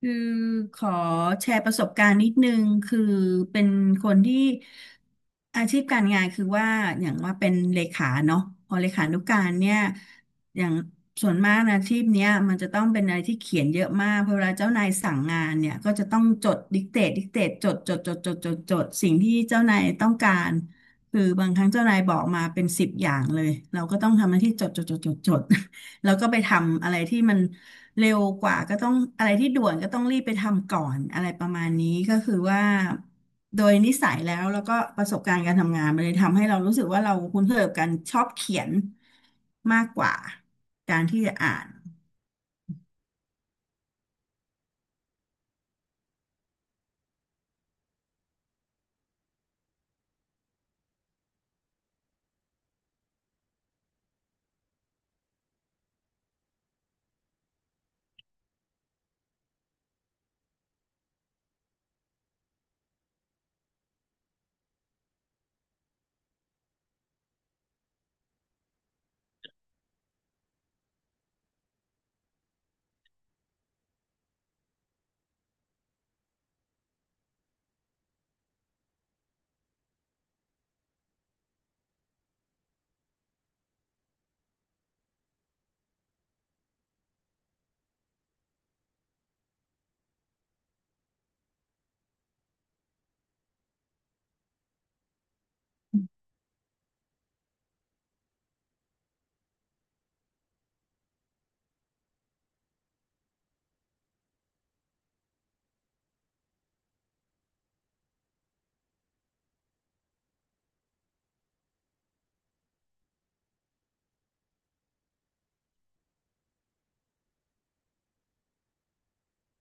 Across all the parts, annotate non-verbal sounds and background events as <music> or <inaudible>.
คือขอแชร์ประสบการณ์นิดนึงคือเป็นคนที่อาชีพการงานคือว่าอย่างว่าเป็นเลขาเนาะพอเลขานุการเนี่ยอย่างส่วนมากนะอาชีพเนี้ยมันจะต้องเป็นอะไรที่เขียนเยอะมากเพราะเวลาเจ้านายสั่งงานเนี่ยก็จะต้องจดดิกเตตดิกเตตจดจดจดจดจดจดสิ่งที่เจ้านายต้องการคือบางครั้งเจ้านายบอกมาเป็นสิบอย่างเลยเราก็ต้องทำหน้าที่จดจดจดจดจด แล้วก็ไปทำอะไรที่มันเร็วกว่าก็ต้องอะไรที่ด่วนก็ต้องรีบไปทำก่อนอะไรประมาณนี้ก็คือว่าโดยนิสัยแล้วก็ประสบการณ์การทำงานมันเลยทำให้เรารู้สึกว่าเราคุ้นเคยกับการชอบเขียนมากกว่าการที่จะอ่าน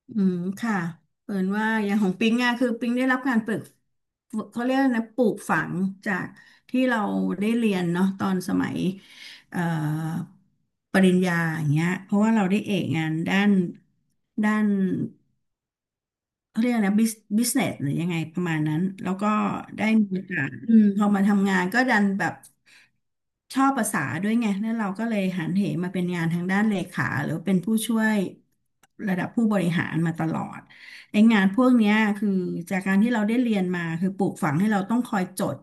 อืมค่ะเปิดว่าอย่างของปิงอะคือปิงได้รับการปลูกเขาเรียกนะปลูกฝังจากที่เราได้เรียนเนาะตอนสมัยเอ่อปริญญาอย่างเงี้ยเพราะว่าเราได้เอกงานด้าน เขาเรียกนะบิสบิสเนสหรือยังไงประมาณนั้นแล้วก็ได้มีโอกาสอืมพอมาทำงานก็ดันแบบชอบภาษาด้วยไงแล้วเราก็เลยหันเหมาเป็นงานทางด้านเลขาหรือเป็นผู้ช่วยระดับผู้บริหารมาตลอดไอ้งานพวกเนี้ยคือจากการที่เราได้เรียนมาคือปลูกฝังให้เราต้องคอยจด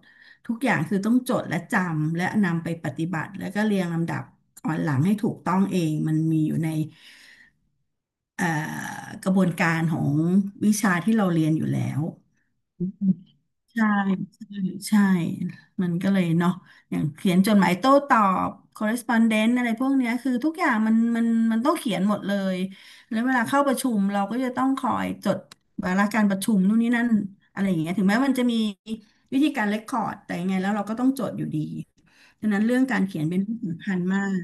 ทุกอย่างคือต้องจดและจำและนำไปปฏิบัติแล้วก็เรียงลำดับอ่อนหลังให้ถูกต้องเองมันมีอยู่ใน เอ่อกระบวนการของวิชาที่เราเรียนอยู่แล้วใช่ใช่ใช่มันก็เลยเนาะอย่างเขียนจดหมายโต้ตอบ correspondence อะไรพวกเนี้ยคือทุกอย่างมันต้องเขียนหมดเลยแล้วเวลาเข้าประชุมเราก็จะต้องคอยจดวาระการประชุมนู่นนี่นั่นอะไรอย่างเงี้ยถึงแม้มันจะมีวิธีการเรคคอร์ดแต่ยังไงแล้วเราก็ต้องจดอยู่ดีฉะนั้นเรื่องการเขียนเป็นเรื่องสำคัญมาก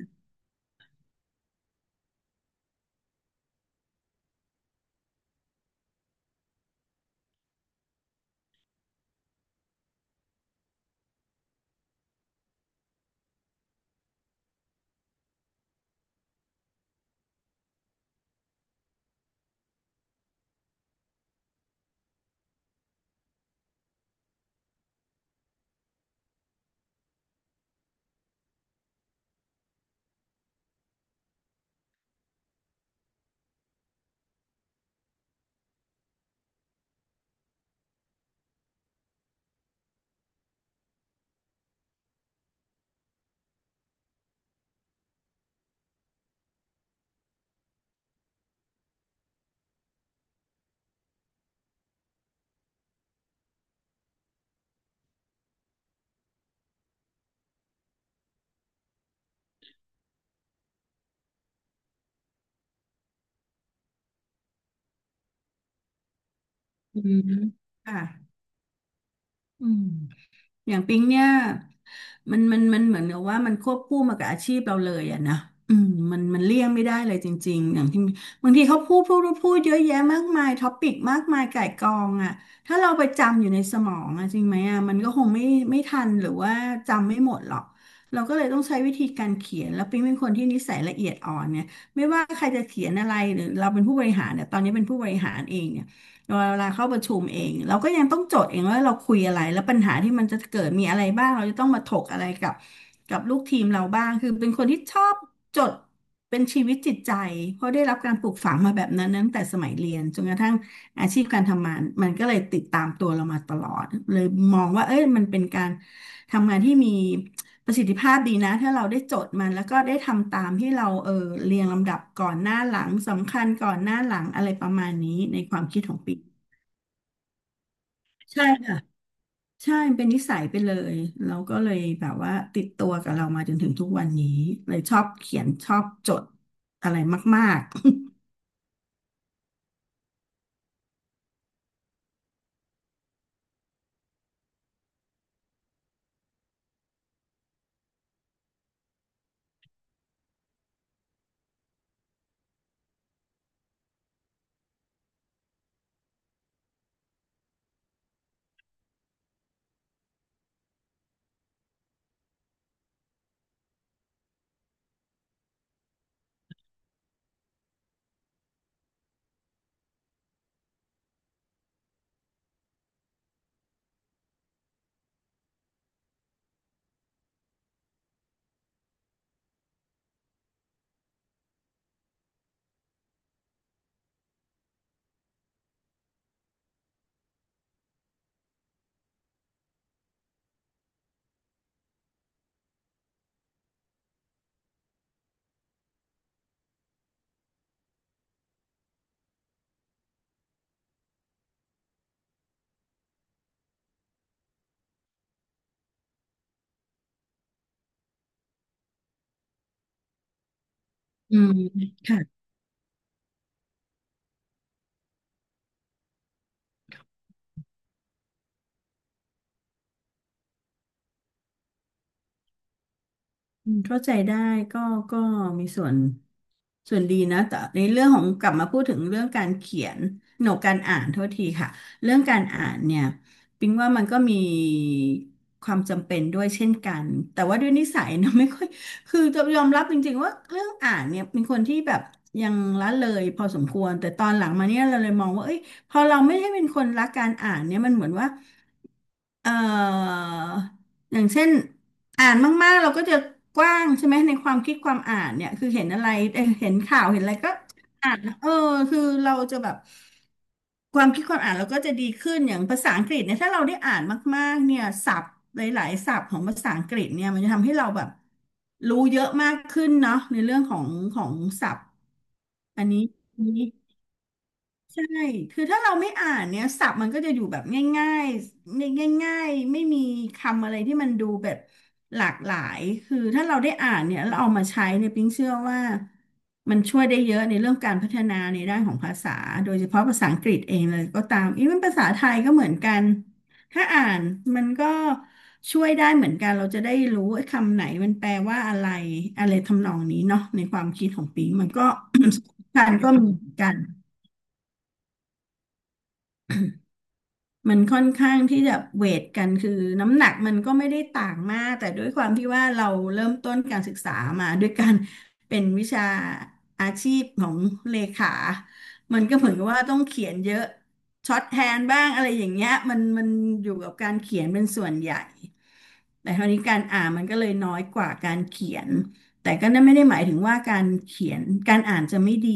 อืมค่ะอืม อย่างปิ๊งเนี่ยมันเหมือนกับว่ามันควบคู่มากับอาชีพเราเลยอะนะอืมมันเลี่ยงไม่ได้เลยจริงๆอย่างที่บางทีเขาพูดเยอะแยะมากมายท็อปิกมากมายก่ายกองอะถ้าเราไปจำอยู่ในสมองอะจริงไหมอะมันก็คงไม่ทันหรือว่าจำไม่หมดหรอกเราก็เลยต้องใช้วิธีการเขียนแล้วปิ๊งเป็นคนที่นิสัยละเอียดอ่อนเนี่ยไม่ว่าใครจะเขียนอะไรหรือเราเป็นผู้บริหารเนี่ยตอนนี้เป็นผู้บริหารเองเนี่ย เวลาเข้าประชุมเองเราก็ยังต้องจดเองว่าเราคุยอะไรแล้วปัญหาที่มันจะเกิดมีอะไรบ้างเราจะต้องมาถกอะไรกับลูกทีมเราบ้างคือเป็นคนที่ชอบจดเป็นชีวิตจิตใจเพราะได้รับการปลูกฝังมาแบบนั้นตั้งแต่สมัยเรียนจนกระทั่งอาชีพการทำงานมันก็เลยติดตามตัวเรามาตลอดเลยมองว่าเอ้ยมันเป็นการทำงานที่มี ประสิทธิภาพดีนะถ้าเราได้จดมันแล้วก็ได้ทำตามที่เราเรียงลำดับก่อนหน้าหลังสำคัญก่อนหน้าหลังอะไรประมาณนี้ในความคิดของปีใช่ค่ะใช่มันเป็นนิสัยไปเลยเราก็เลยแบบว่าติดตัวกับเรามาจนถึงทุกวันนี้เลยชอบเขียนชอบจดอะไรมากๆอืมค่ะ อืมเข้าใจได้ก็ก็มีส่วนดีนะแต่ในเรื่องของกลับมาพูดถึงเรื่องการเขียนหนกการอ่านโทษทีค่ะเรื่องการอ่านเนี่ยปิงว่ามันก็มีความจำเป็นด้วยเช่นกันแต่ว่าด้วยนิสัยเนอะไม่ค่อยคือจะยอมรับจริงๆว่าเรื่องอ่านเนี่ยเป็นคนที่แบบยังละเลยพอสมควรแต่ตอนหลังมาเนี่ยเราเลยมองว่าเอ้ยพอเราไม่ได้เป็นคนรักการอ่านเนี่ยมันเหมือนว่าเอ่ออย่างเช่น อ่านมากๆเราก็จะกว้างใช่ไหมในความคิดความอ่านเนี่ยคือเห็นอะไรเห็นข่าวเห็นอะไรก็เออคือเราจะแบบความคิดความอ่านเราก็จะดีขึ้นอย่างภาษาอังกฤษเนี่ยถ้าเราได้อ่านมากๆเนี่ยศัพท์หลายๆศัพท์ของภาษาอังกฤษเนี่ยมันจะทำให้เราแบบรู้เยอะมากขึ้นเนาะในเรื่องของของศัพท์อันนี้ ใช่คือถ้าเราไม่อ่านเนี่ยศัพท์มันก็จะอยู่แบบง่ายๆง่ายๆ ไม่มีคำอะไรที่มันดูแบบหลากหลายคือถ้าเราได้อ่านเนี่ยแล้วเอามาใช้เนี่ยปิ๊งเชื่อว่ามันช่วยได้เยอะในเรื่องการพัฒนาในด้านของภาษาโดยเฉพาะภาษาอังกฤษเองเลยก็ตามอีเวนภาษาไทยก็เหมือนกัน ถ้าอ่านมันก็ช่วยได้เหมือนกันเราจะได้รู้ไอ้คำไหนมันแปลว่าอะไรอะไรทำนองนี้เนาะในความคิดของปิ๊งมันก็ <coughs> การก็มีเหมือนกัน มันค่อนข้างที่จะเวทกันคือน้ำหนักมันก็ไม่ได้ต่างมากแต่ด้วยความที่ว่าเราเริ่มต้นการศึกษามาด้วยการเป็นวิชาอาชีพของเลขา มันก็เหมือนกับว่าต้องเขียนเยอะช็อตแฮนด์บ้างอะไรอย่างเงี้ยมันอยู่กับการเขียนเป็นส่วนใหญ่แต่คราวนี้การอ่านมันก็เลยน้อยกว่าการเขียน แต่ก็นั่นไม่ได้หมายถึงว่าการเขียนการอ่านจะไม่ดี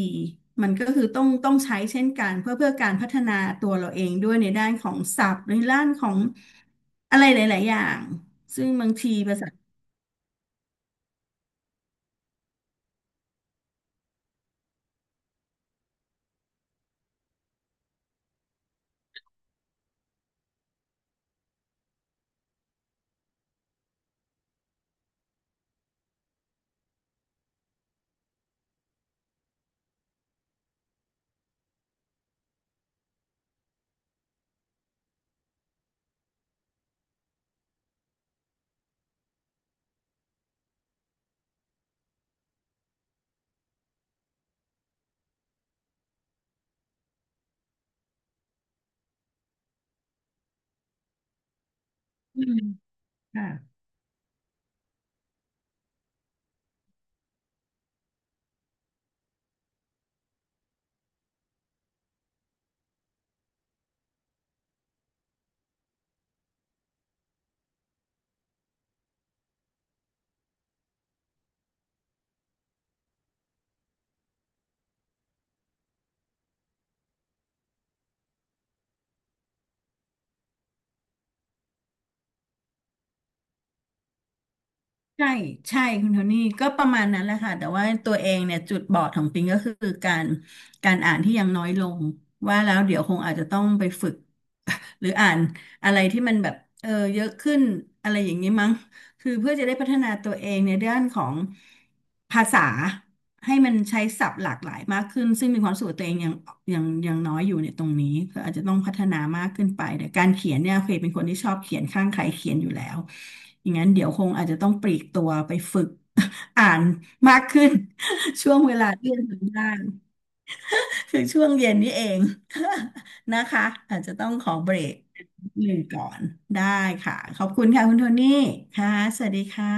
มันก็คือต้องใช้เช่นกันเพื่อการพัฒนาตัวเราเองด้วยในด้านของศัพท์ในด้านของอะไรหลายๆ อย่างซึ่งบางทีภาษาอืมค่ะ ใช่ใช่คุณโทนี่ก็ประมาณนั้นแหละค่ะแต่ว่าตัวเองเนี่ยจุดบอดของปิงก็คือการการอ่านที่ยังน้อยลงว่าแล้วเดี๋ยวคงอาจจะต้องไปฝึก <laughs> หรืออ่านอะไรที่มันแบบเยอะขึ้นอะไรอย่างนี้มั้งคือเพื่อจะได้พัฒนาตัวเองในด้านของภาษา ให้มันใช้ศัพท์หลากหลายมากขึ้นซึ่งมีความรู้สึกว่าตัวเองยังยังน้อยอยู่ในตรงนี้ก็อาจจะต้องพัฒนามากขึ้นไปแต่การเขียนเนี่ยเคยเป็นคนที่ชอบเขียนข้างใครเขียนอยู่แล้วอย่างนั้นเดี๋ยวคงอาจจะต้องปลีกตัวไปฝึก <laughs> อ่านมากขึ้น <laughs> ช่วงเวลาเรียนบ้างคือช่วงเย็นนี่เอง <laughs> นะคะอาจจะต้องขอเบรกหนึ่งก่อนได้ค่ะขอบคุณค่ะคุณโทนี่ค่ะสวัสดีค่ะ